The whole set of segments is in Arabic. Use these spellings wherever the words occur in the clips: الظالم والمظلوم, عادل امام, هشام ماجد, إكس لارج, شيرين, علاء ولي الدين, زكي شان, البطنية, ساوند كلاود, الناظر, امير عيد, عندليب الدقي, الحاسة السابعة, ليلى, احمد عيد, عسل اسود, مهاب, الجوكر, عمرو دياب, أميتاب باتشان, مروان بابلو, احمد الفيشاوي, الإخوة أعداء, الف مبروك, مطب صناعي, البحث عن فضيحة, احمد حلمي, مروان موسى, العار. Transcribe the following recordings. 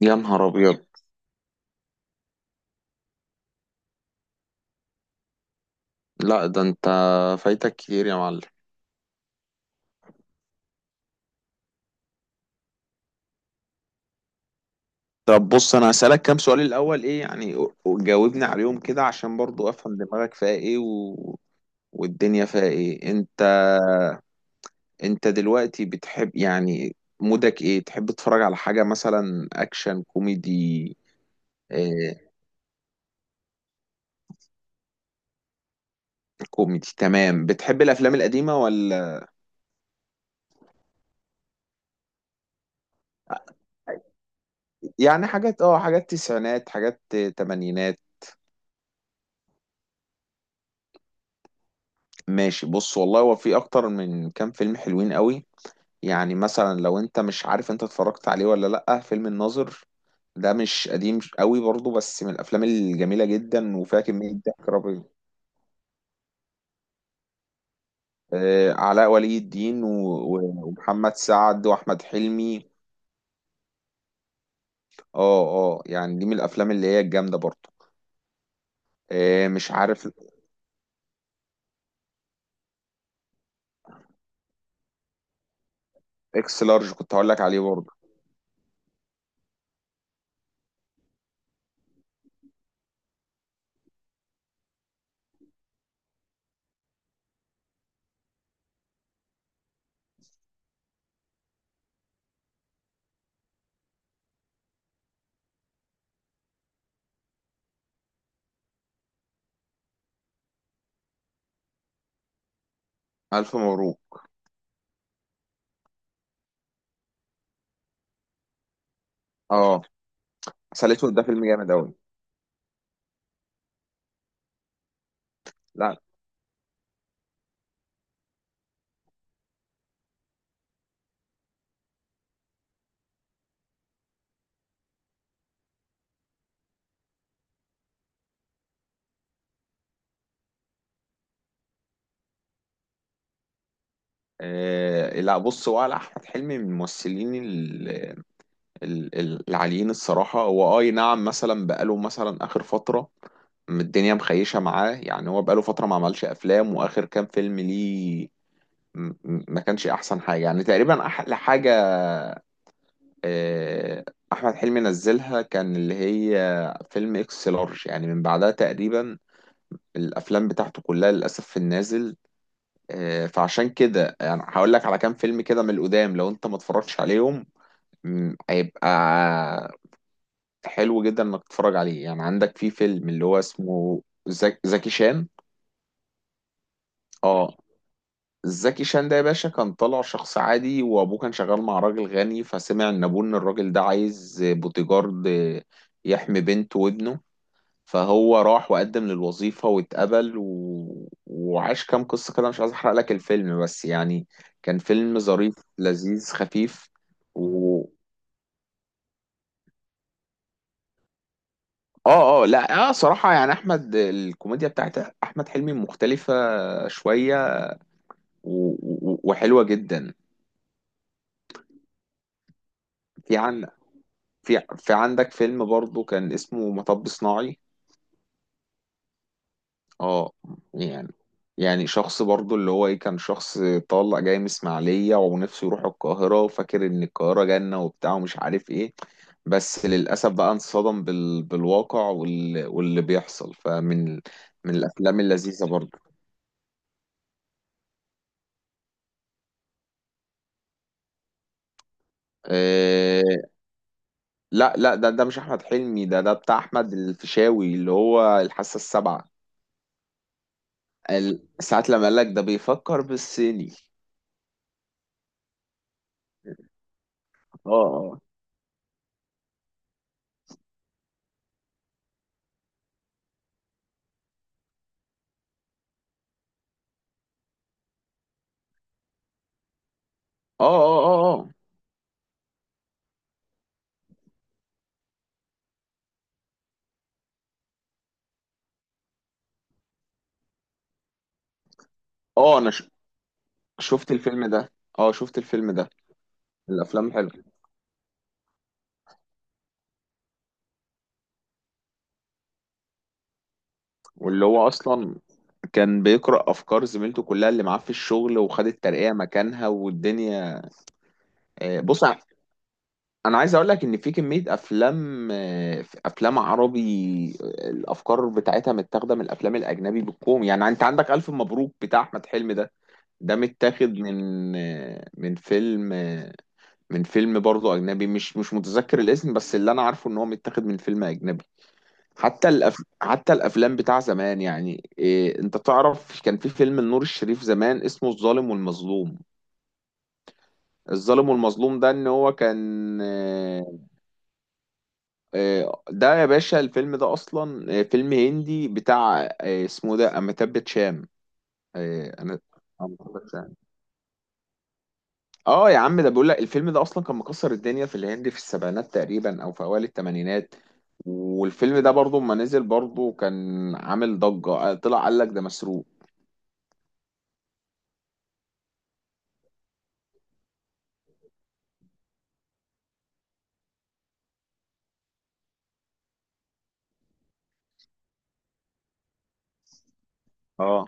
يا نهار ابيض. لا، ده انت فايتك كتير يا معلم. طب بص، انا هسألك كام سؤال الاول ايه يعني، وجاوبني عليهم كده عشان برضو افهم دماغك فيها ايه والدنيا فيها ايه؟ انت دلوقتي بتحب يعني مودك ايه، تحب تتفرج على حاجة مثلا اكشن كوميدي؟ آه كوميدي تمام. بتحب الافلام القديمة ولا يعني حاجات حاجات تسعينات حاجات تمانينات؟ ماشي. بص والله هو في اكتر من كام فيلم حلوين قوي. يعني مثلا لو انت مش عارف انت اتفرجت عليه ولا لأ، فيلم الناظر. ده مش قديم قوي برضه بس من الافلام الجميلة جدا وفيها كمية ضحك رهيبة. علاء ولي الدين و- و- ومحمد سعد واحمد حلمي. اه اه، يعني دي من الافلام اللي هي الجامدة برضه. مش عارف. اكس لارج كنت هقول لك عليه برضه. الف مبروك. اه. عسل اسود ده فيلم جامد قوي. لا، لا بص، هو على احمد حلمي من الممثلين العاليين الصراحة. هو أي نعم، مثلا بقاله مثلا آخر فترة الدنيا مخيشة معاه. يعني هو بقاله فترة ما عملش أفلام، وآخر كام فيلم ليه ما كانش أحسن حاجة. يعني تقريبا أحلى حاجة آه، أحمد حلمي نزلها كان اللي هي فيلم إكس لارج، يعني من بعدها تقريبا الأفلام بتاعته كلها للأسف في النازل. فعشان كده يعني هقول لك على كام فيلم كده من القدام لو أنت ما اتفرجتش عليهم. هيبقى حلو جدا انك تتفرج عليه. يعني عندك في فيلم اللي هو اسمه زكي شان. اه. زكي شان ده يا باشا كان طالع شخص عادي، وابوه كان شغال مع راجل غني، فسمع ان ابوه ان الراجل ده عايز بوتيجارد يحمي بنته وابنه، فهو راح وقدم للوظيفة واتقبل وعاش كام قصة كده. مش عايز احرق لك الفيلم بس يعني كان فيلم ظريف لذيذ خفيف. اه لا صراحة يعني احمد الكوميديا بتاعت احمد حلمي مختلفة شوية و- و- وحلوة جدا. في عن في في عندك فيلم برضو كان اسمه مطب صناعي. اه يعني، شخص برضو اللي هو ايه، كان شخص طالع جاي من اسماعيلية ونفسه يروح القاهرة وفاكر ان القاهرة جنة وبتاع ومش عارف ايه، بس للأسف بقى انصدم بالواقع واللي بيحصل. فمن من الأفلام اللذيذة برضو. آه، لا لا، ده مش احمد حلمي. ده بتاع احمد الفيشاوي اللي هو الحاسه السابعه. ساعة لما قال لك ده بيفكر بالصيني. اه اه اه اه اه اه اه، انا شفت الفيلم ده. اه شفت الفيلم ده. الافلام حلوه. واللي هو اصلا كان بيقرأ افكار زميلته كلها اللي معاه في الشغل، وخد الترقية مكانها والدنيا. بص، انا عايز اقول لك ان في كميه افلام افلام عربي الافكار بتاعتها متاخده من الافلام الاجنبي بالكوم. يعني انت عندك الف مبروك بتاع احمد حلمي ده، ده متاخد من فيلم برضه اجنبي. مش متذكر الاسم بس اللي انا عارفه ان هو متاخد من فيلم اجنبي. حتى حتى الافلام بتاع زمان يعني إيه، انت تعرف كان في فيلم النور الشريف زمان اسمه الظالم والمظلوم. الظالم والمظلوم ده ان هو كان ده يا باشا الفيلم ده اصلا فيلم هندي بتاع اسمه ده اميتاب باتشان. انا أميتاب باتشان. اه يا عم، ده بيقول لك الفيلم ده اصلا كان مكسر الدنيا في الهند في السبعينات تقريبا او في اوائل الثمانينات. والفيلم ده برضو ما نزل برضو كان عامل ضجة. طلع قال لك ده مسروق. اه.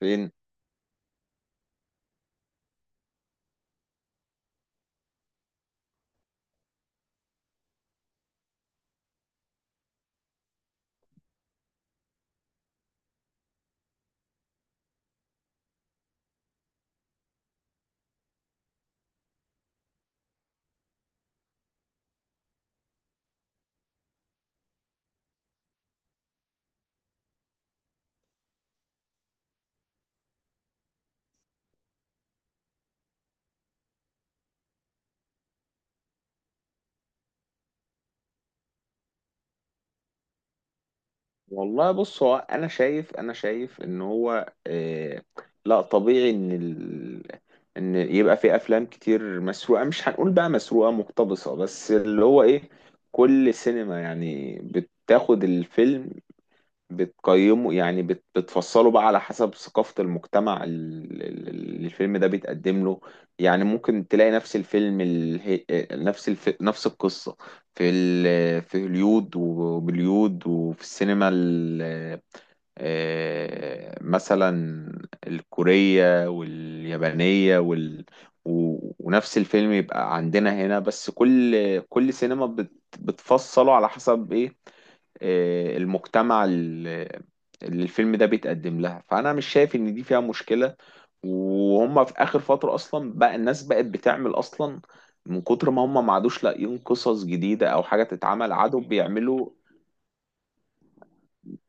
فين؟ والله بص، هو انا شايف، انا شايف ان هو لا طبيعي ان ان يبقى في افلام كتير مسروقه. مش هنقول بقى مسروقه، مقتبسه. بس اللي هو ايه، كل سينما يعني بتاخد الفيلم بتقيمه يعني بتفصله بقى على حسب ثقافة المجتمع اللي الفيلم ده بيتقدم له. يعني ممكن تلاقي نفس الفيلم نفس القصة في هوليود وبوليود وفي السينما مثلا الكورية واليابانية ونفس الفيلم يبقى عندنا هنا. بس كل سينما بتفصله على حسب ايه المجتمع اللي الفيلم ده بيتقدم لها. فأنا مش شايف إن دي فيها مشكلة. وهم في آخر فترة أصلا بقى الناس بقت بتعمل أصلا، من كتر ما هم ما عادوش لاقيين قصص جديدة أو حاجة تتعمل، عادوا بيعملوا،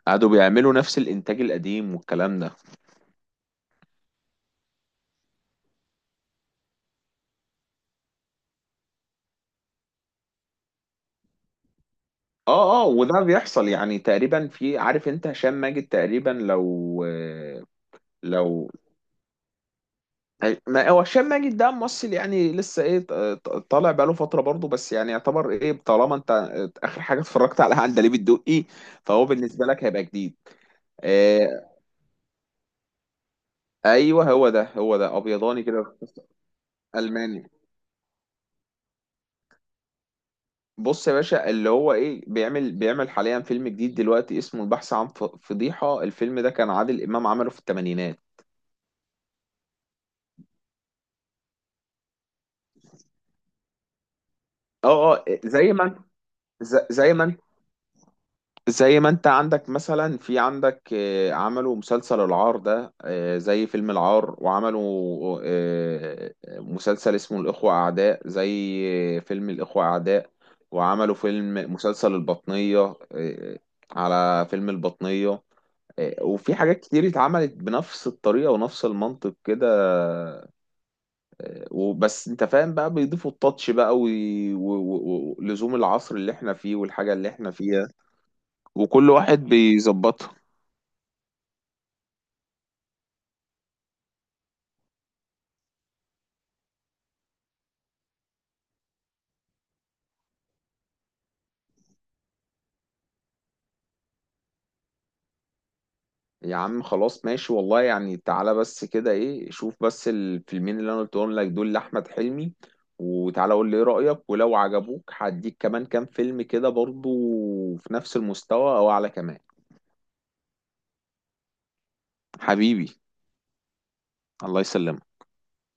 قعدوا بيعملوا نفس الانتاج القديم والكلام ده. اه، وده بيحصل يعني تقريبا. في عارف انت هشام ماجد تقريبا لو لو ما هو هشام ماجد ده ممثل يعني لسه ايه طالع بقاله فتره برضه. بس يعني يعتبر ايه، طالما انت اخر حاجه اتفرجت عليها عندليب الدقي فهو بالنسبه لك هيبقى جديد. آه ايوه، هو ده ابيضاني كده. الماني. بص يا باشا اللي هو ايه بيعمل حاليا فيلم جديد دلوقتي اسمه البحث عن فضيحه. الفيلم ده كان عادل امام عمله في الثمانينات. اه زي ما انت- ز- زي ما انت زي ما انت عندك مثلا، في عندك آه، عملوا مسلسل العار ده زي فيلم العار. وعملوا مسلسل اسمه الإخوة أعداء زي فيلم الإخوة أعداء. وعملوا مسلسل البطنية على فيلم البطنية. وفي حاجات كتير اتعملت بنفس الطريقة ونفس المنطق كده. وبس انت فاهم بقى بيضيفوا التاتش بقى ولزوم العصر اللي احنا فيه والحاجة اللي احنا فيها، وكل واحد بيظبطها. يا عم خلاص ماشي، والله يعني تعالى بس كده، ايه، شوف بس الفيلمين اللي انا قلتهم لك دول لأحمد حلمي، وتعالى قول لي ايه رأيك. ولو عجبوك هديك كمان كام فيلم كده برضو في نفس المستوى او اعلى كمان. حبيبي. الله يسلمك.